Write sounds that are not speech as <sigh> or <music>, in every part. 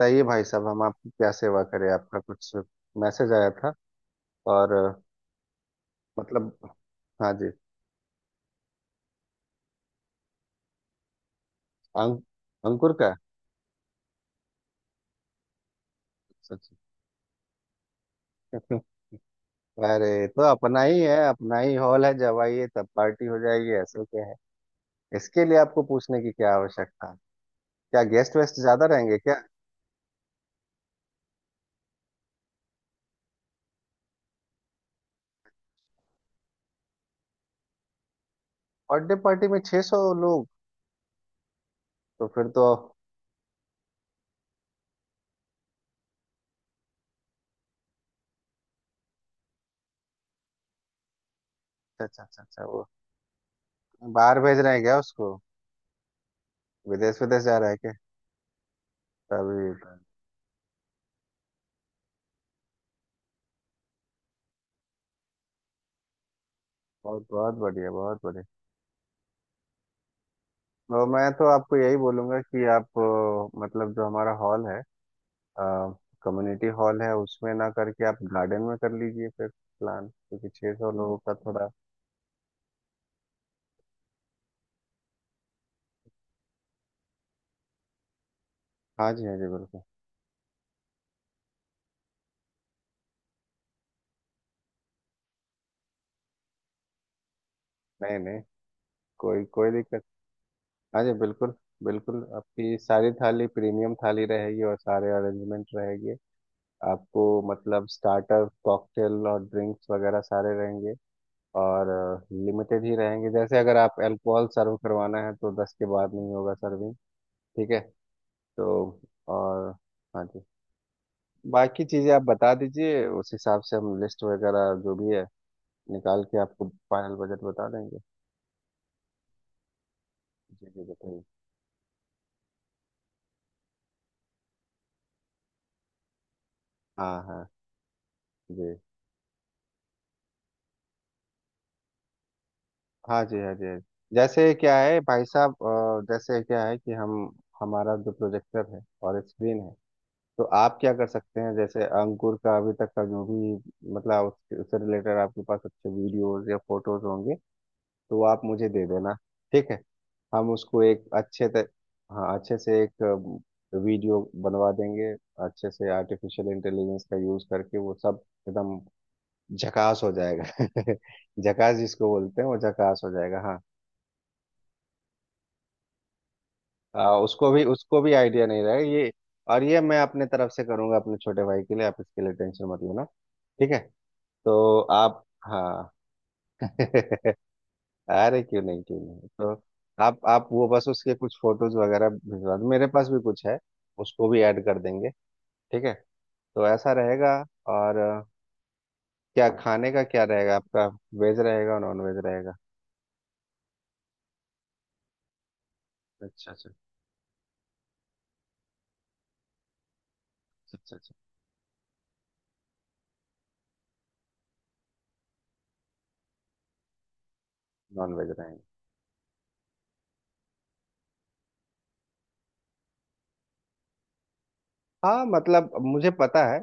बताइए भाई साहब, हम आपकी क्या सेवा करें? आपका कुछ मैसेज आया था। और अ, मतलब हाँ जी। अंक अंकुर का? अच्छा। अच्छा। <laughs> अरे, तो अपना ही है, अपना ही हॉल है। जब आइए तब पार्टी हो जाएगी, ऐसे क्या है, इसके लिए आपको पूछने की क्या आवश्यकता है। क्या गेस्ट वेस्ट ज्यादा रहेंगे क्या? बर्थडे पार्टी में 600 लोग? तो फिर तो अच्छा अच्छा अच्छा अच्छा। वो बाहर भेज रहे हैं क्या उसको? विदेश विदेश जा रहा है क्या? तभी तो। बहुत बहुत बढ़िया, बहुत बढ़िया। और मैं तो आपको यही बोलूंगा कि आप, मतलब जो हमारा हॉल है, कम्युनिटी हॉल है, उसमें ना करके आप गार्डन में कर लीजिए फिर प्लान, क्योंकि 600 लोगों का थोड़ा। हाँ जी हाँ जी, बिल्कुल। नहीं नहीं, कोई कोई दिक्कत। हाँ जी, बिल्कुल। बिल्कुल आपकी सारी थाली प्रीमियम थाली रहेगी और सारे अरेंजमेंट रहेंगे आपको। मतलब स्टार्टर, कॉकटेल और ड्रिंक्स वगैरह सारे रहेंगे। और लिमिटेड ही रहेंगे। जैसे अगर आप अल्कोहल सर्व करवाना है तो 10 के बाद नहीं होगा सर्विंग। ठीक है। तो और हाँ जी, बाकी चीज़ें आप बता दीजिए, उस हिसाब से हम लिस्ट वगैरह जो भी है निकाल के आपको फाइनल बजट बता देंगे। जी जी, बताइए। हाँ हाँ जी, हाँ जी, हाँ जी, हाँ जी। जैसे क्या है भाई साहब, जैसे क्या है कि हम, हमारा जो प्रोजेक्टर है और स्क्रीन है, तो आप क्या कर सकते हैं, जैसे अंकुर का अभी तक का जो भी, मतलब उसके, उससे रिलेटेड आपके पास अच्छे वीडियोस या फोटोज होंगे तो आप मुझे दे देना। ठीक है, हम उसको एक अच्छे तक, हाँ अच्छे से एक वीडियो बनवा देंगे। अच्छे से आर्टिफिशियल इंटेलिजेंस का यूज करके वो सब एकदम झकास हो जाएगा। <laughs> झकास जिसको बोलते हैं वो झकास हो जाएगा, हाँ। उसको भी आइडिया नहीं रहेगा ये। और ये मैं अपने तरफ से करूंगा, अपने छोटे भाई के लिए। आप इसके लिए टेंशन मत लेना, ठीक है? तो आप, हाँ। <laughs> अरे क्यों नहीं, क्यों नहीं। तो आप वो बस उसके कुछ फोटोज वगैरह भिजवा दो, मेरे पास भी कुछ है, उसको भी ऐड कर देंगे। ठीक है, तो ऐसा रहेगा। और अ, क्या, खाने का क्या रहेगा आपका, वेज रहेगा और नॉन वेज रहेगा? अच्छा अच्छा। अच्छा अच्छा, नॉन वेज रहेंगे। हाँ, मतलब मुझे पता है।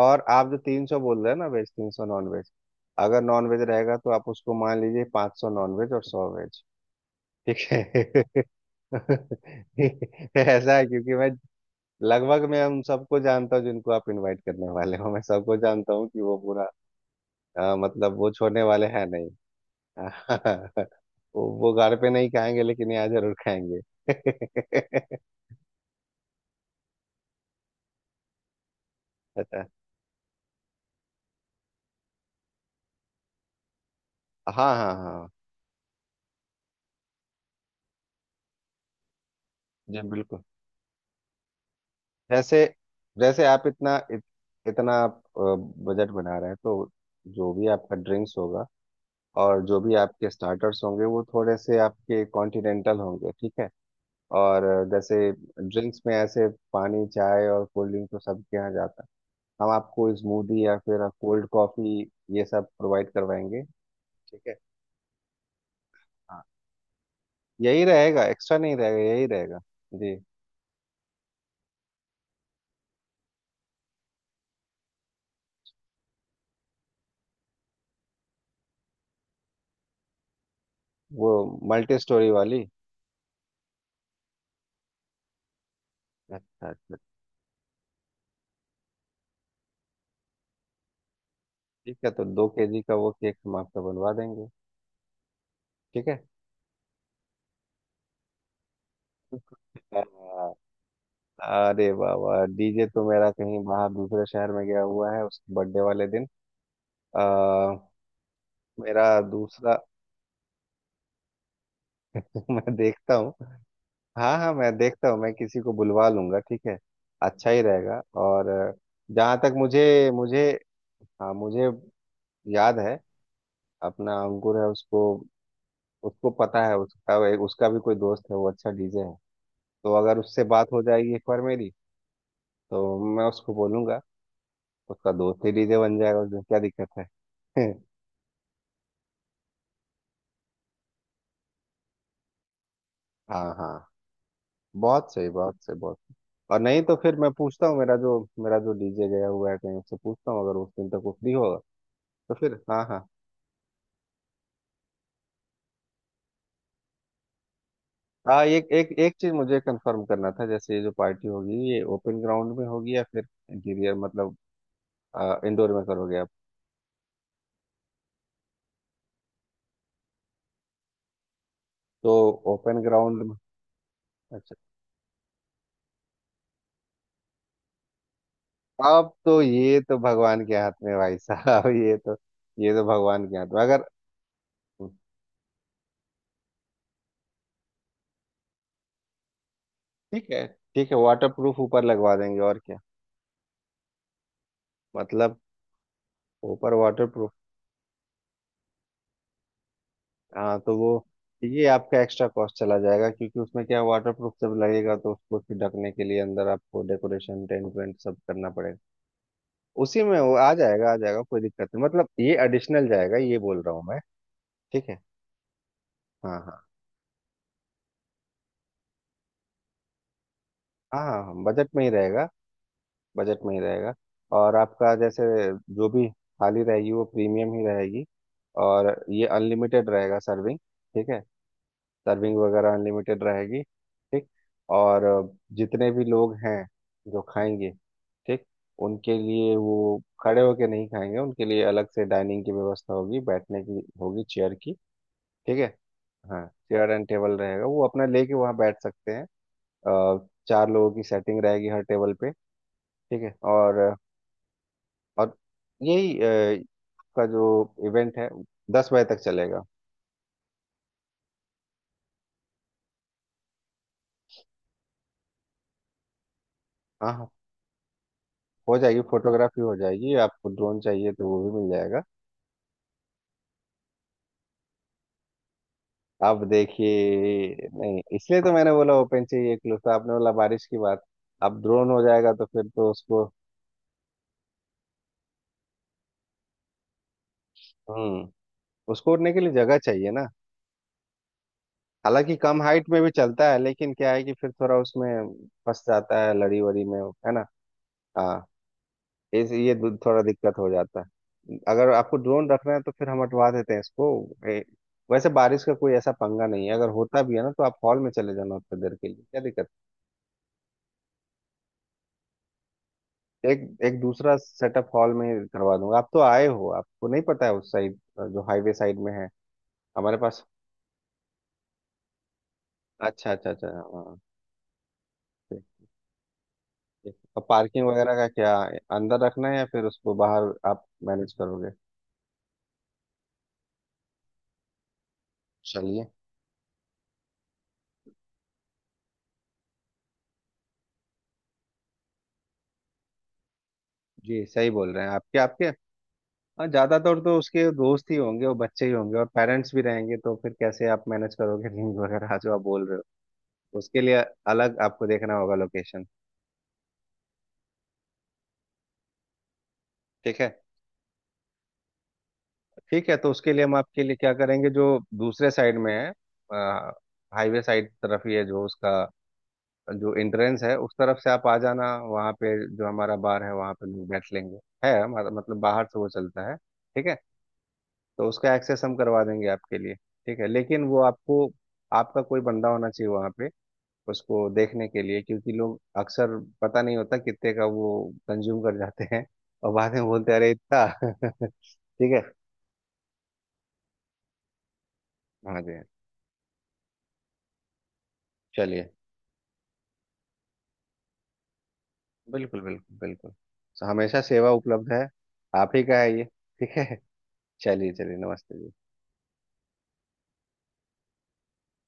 और आप जो 300 बोल रहे हैं ना, वेज 300, नॉन वेज, अगर नॉन वेज रहेगा तो आप उसको मान लीजिए 500 नॉन वेज और 100 वेज। ठीक है। <laughs> ऐसा है क्योंकि मैं लगभग, मैं उन सबको जानता हूँ जिनको आप इनवाइट करने वाले हो, मैं सबको जानता हूँ कि वो पूरा, मतलब वो छोड़ने वाले हैं नहीं। <laughs> वो घर पे नहीं खाएंगे लेकिन यहाँ जरूर खाएंगे। <laughs> अच्छा। हाँ हाँ, हाँ जी, बिल्कुल। जैसे, जैसे आप इतना इतना बजट बना रहे हैं, तो जो भी आपका ड्रिंक्स होगा और जो भी आपके स्टार्टर्स होंगे वो थोड़े से आपके कॉन्टिनेंटल होंगे, ठीक है? और जैसे ड्रिंक्स में ऐसे पानी, चाय और कोल्ड ड्रिंक तो सबके यहाँ जाता है, हम आपको स्मूदी या फिर कोल्ड कॉफी, ये सब प्रोवाइड करवाएंगे। ठीक है, हाँ। यही रहेगा, एक्स्ट्रा नहीं रहेगा, यही रहेगा। जी, वो मल्टी स्टोरी वाली। अच्छा अच्छा, ठीक है, तो 2 kg का वो केक हम आपका बनवा देंगे। ठीक है। आ, अरे बाबा, डीजे तो मेरा कहीं बाहर दूसरे शहर में गया हुआ है उसके बर्थडे वाले दिन। आ, मेरा दूसरा, <laughs> मैं देखता हूँ। हाँ हाँ, मैं देखता हूँ, मैं किसी को बुलवा लूंगा, ठीक है? अच्छा ही रहेगा। और जहाँ तक मुझे मुझे हाँ, मुझे याद है, अपना अंकुर है, उसको, उसको पता है, उसका एक, उसका भी कोई दोस्त है, वो अच्छा डीजे है। तो अगर उससे बात हो जाएगी एक बार मेरी, तो मैं उसको बोलूंगा, उसका दोस्त ही डीजे बन जाएगा, उसमें क्या दिक्कत है। <laughs> हाँ हाँ, बहुत सही, बहुत सही, बहुत। और नहीं तो फिर मैं पूछता हूँ, मेरा जो, मेरा जो डीजे गया हुआ है कहीं, उससे पूछता हूँ, अगर उस दिन तक वो फ्री होगा तो फिर, हाँ हाँ हाँ। एक एक एक चीज मुझे कंफर्म करना था, जैसे ये जो पार्टी होगी, ये ओपन ग्राउंड में होगी या फिर इंटीरियर, मतलब इंडोर में करोगे आप? तो ओपन ग्राउंड में, अच्छा। अब तो ये तो भगवान के हाथ में भाई साहब, ये तो, ये तो भगवान के हाथ में। अगर ठीक है, ठीक है, वाटर प्रूफ ऊपर लगवा देंगे और क्या, मतलब ऊपर वाटर प्रूफ। हाँ, तो वो, ये आपका एक्स्ट्रा कॉस्ट चला जाएगा, क्योंकि उसमें क्या, वाटर प्रूफ जब लगेगा तो उसको फिर ढकने के लिए अंदर आपको डेकोरेशन, टेंट वेंट सब करना पड़ेगा। उसी में वो आ जाएगा, आ जाएगा, कोई दिक्कत नहीं, मतलब ये एडिशनल जाएगा ये बोल रहा हूँ मैं। ठीक है, हाँ हाँ हाँ, हाँ बजट में ही रहेगा, बजट में ही रहेगा। और आपका जैसे जो भी थाली रहेगी वो प्रीमियम ही रहेगी, और ये अनलिमिटेड रहेगा सर्विंग। ठीक है, सर्विंग वगैरह अनलिमिटेड रहेगी, ठीक। और जितने भी लोग हैं जो खाएंगे, ठीक, उनके लिए वो खड़े होके नहीं खाएंगे, उनके लिए अलग से डाइनिंग की व्यवस्था होगी, बैठने की होगी, चेयर की। ठीक है, हाँ, चेयर एंड टेबल रहेगा, वो अपना लेके वहाँ बैठ सकते हैं। 4 लोगों की सेटिंग रहेगी हर टेबल पे। ठीक है। और यही का जो इवेंट है 10 बजे तक चलेगा। हाँ हाँ, हो जाएगी फोटोग्राफी, हो जाएगी, आपको ड्रोन चाहिए तो वो भी मिल जाएगा। आप देखिए, नहीं इसलिए तो मैंने बोला ओपन चाहिए, क्लोज तो आपने बोला बारिश की बात। अब ड्रोन हो जाएगा तो फिर तो उसको, हम्म, उसको उड़ने के लिए जगह चाहिए ना। हालांकि कम हाइट में भी चलता है, लेकिन क्या है कि फिर थोड़ा उसमें फंस जाता है, लड़ी वड़ी में, है ना? हाँ, थोड़ा दिक्कत हो जाता है। अगर आपको ड्रोन रखना है तो फिर हम हटवा देते हैं इसको। ए, वैसे बारिश का कोई ऐसा पंगा नहीं है, अगर होता भी है ना तो आप हॉल में चले जाना उतने देर के लिए, क्या दिक्कत। एक एक दूसरा सेटअप हॉल में करवा दूंगा। आप तो आए हो, आपको नहीं पता है उस साइड, जो हाईवे साइड में है हमारे पास। अच्छा अच्छा अच्छा, हाँ। अब पार्किंग वगैरह का क्या, अंदर रखना है या फिर उसको बाहर आप मैनेज करोगे? चलिए, जी सही बोल रहे हैं आपके, आपके। हाँ, ज्यादातर तो उसके दोस्त ही होंगे और बच्चे ही होंगे और पेरेंट्स भी रहेंगे, तो फिर कैसे आप मैनेज करोगे रिंग वगैरह जो आप बोल रहे हो, उसके लिए अलग आपको देखना होगा लोकेशन। ठीक है, ठीक है, तो उसके लिए हम आपके लिए क्या करेंगे, जो दूसरे साइड में है हाईवे साइड तरफ ही है, जो उसका जो एंट्रेंस है उस तरफ से आप आ जाना, वहाँ पे जो हमारा बार है वहाँ पे लोग बैठ लेंगे। है हमारा, मतलब बाहर से वो चलता है, ठीक है, तो उसका एक्सेस हम करवा देंगे आपके लिए। ठीक है, लेकिन वो आपको, आपका कोई बंदा होना चाहिए वहाँ पे उसको देखने के लिए, क्योंकि लोग अक्सर पता नहीं होता कितने का वो कंज्यूम कर जाते हैं, और बाद में बोलते हैं, अरे इतना। <laughs> ठीक है, हाँ जी हाँ। चलिए, बिल्कुल बिल्कुल बिल्कुल, हमेशा सेवा उपलब्ध है, आप ही का है ये, ठीक है। चलिए चलिए, नमस्ते जी।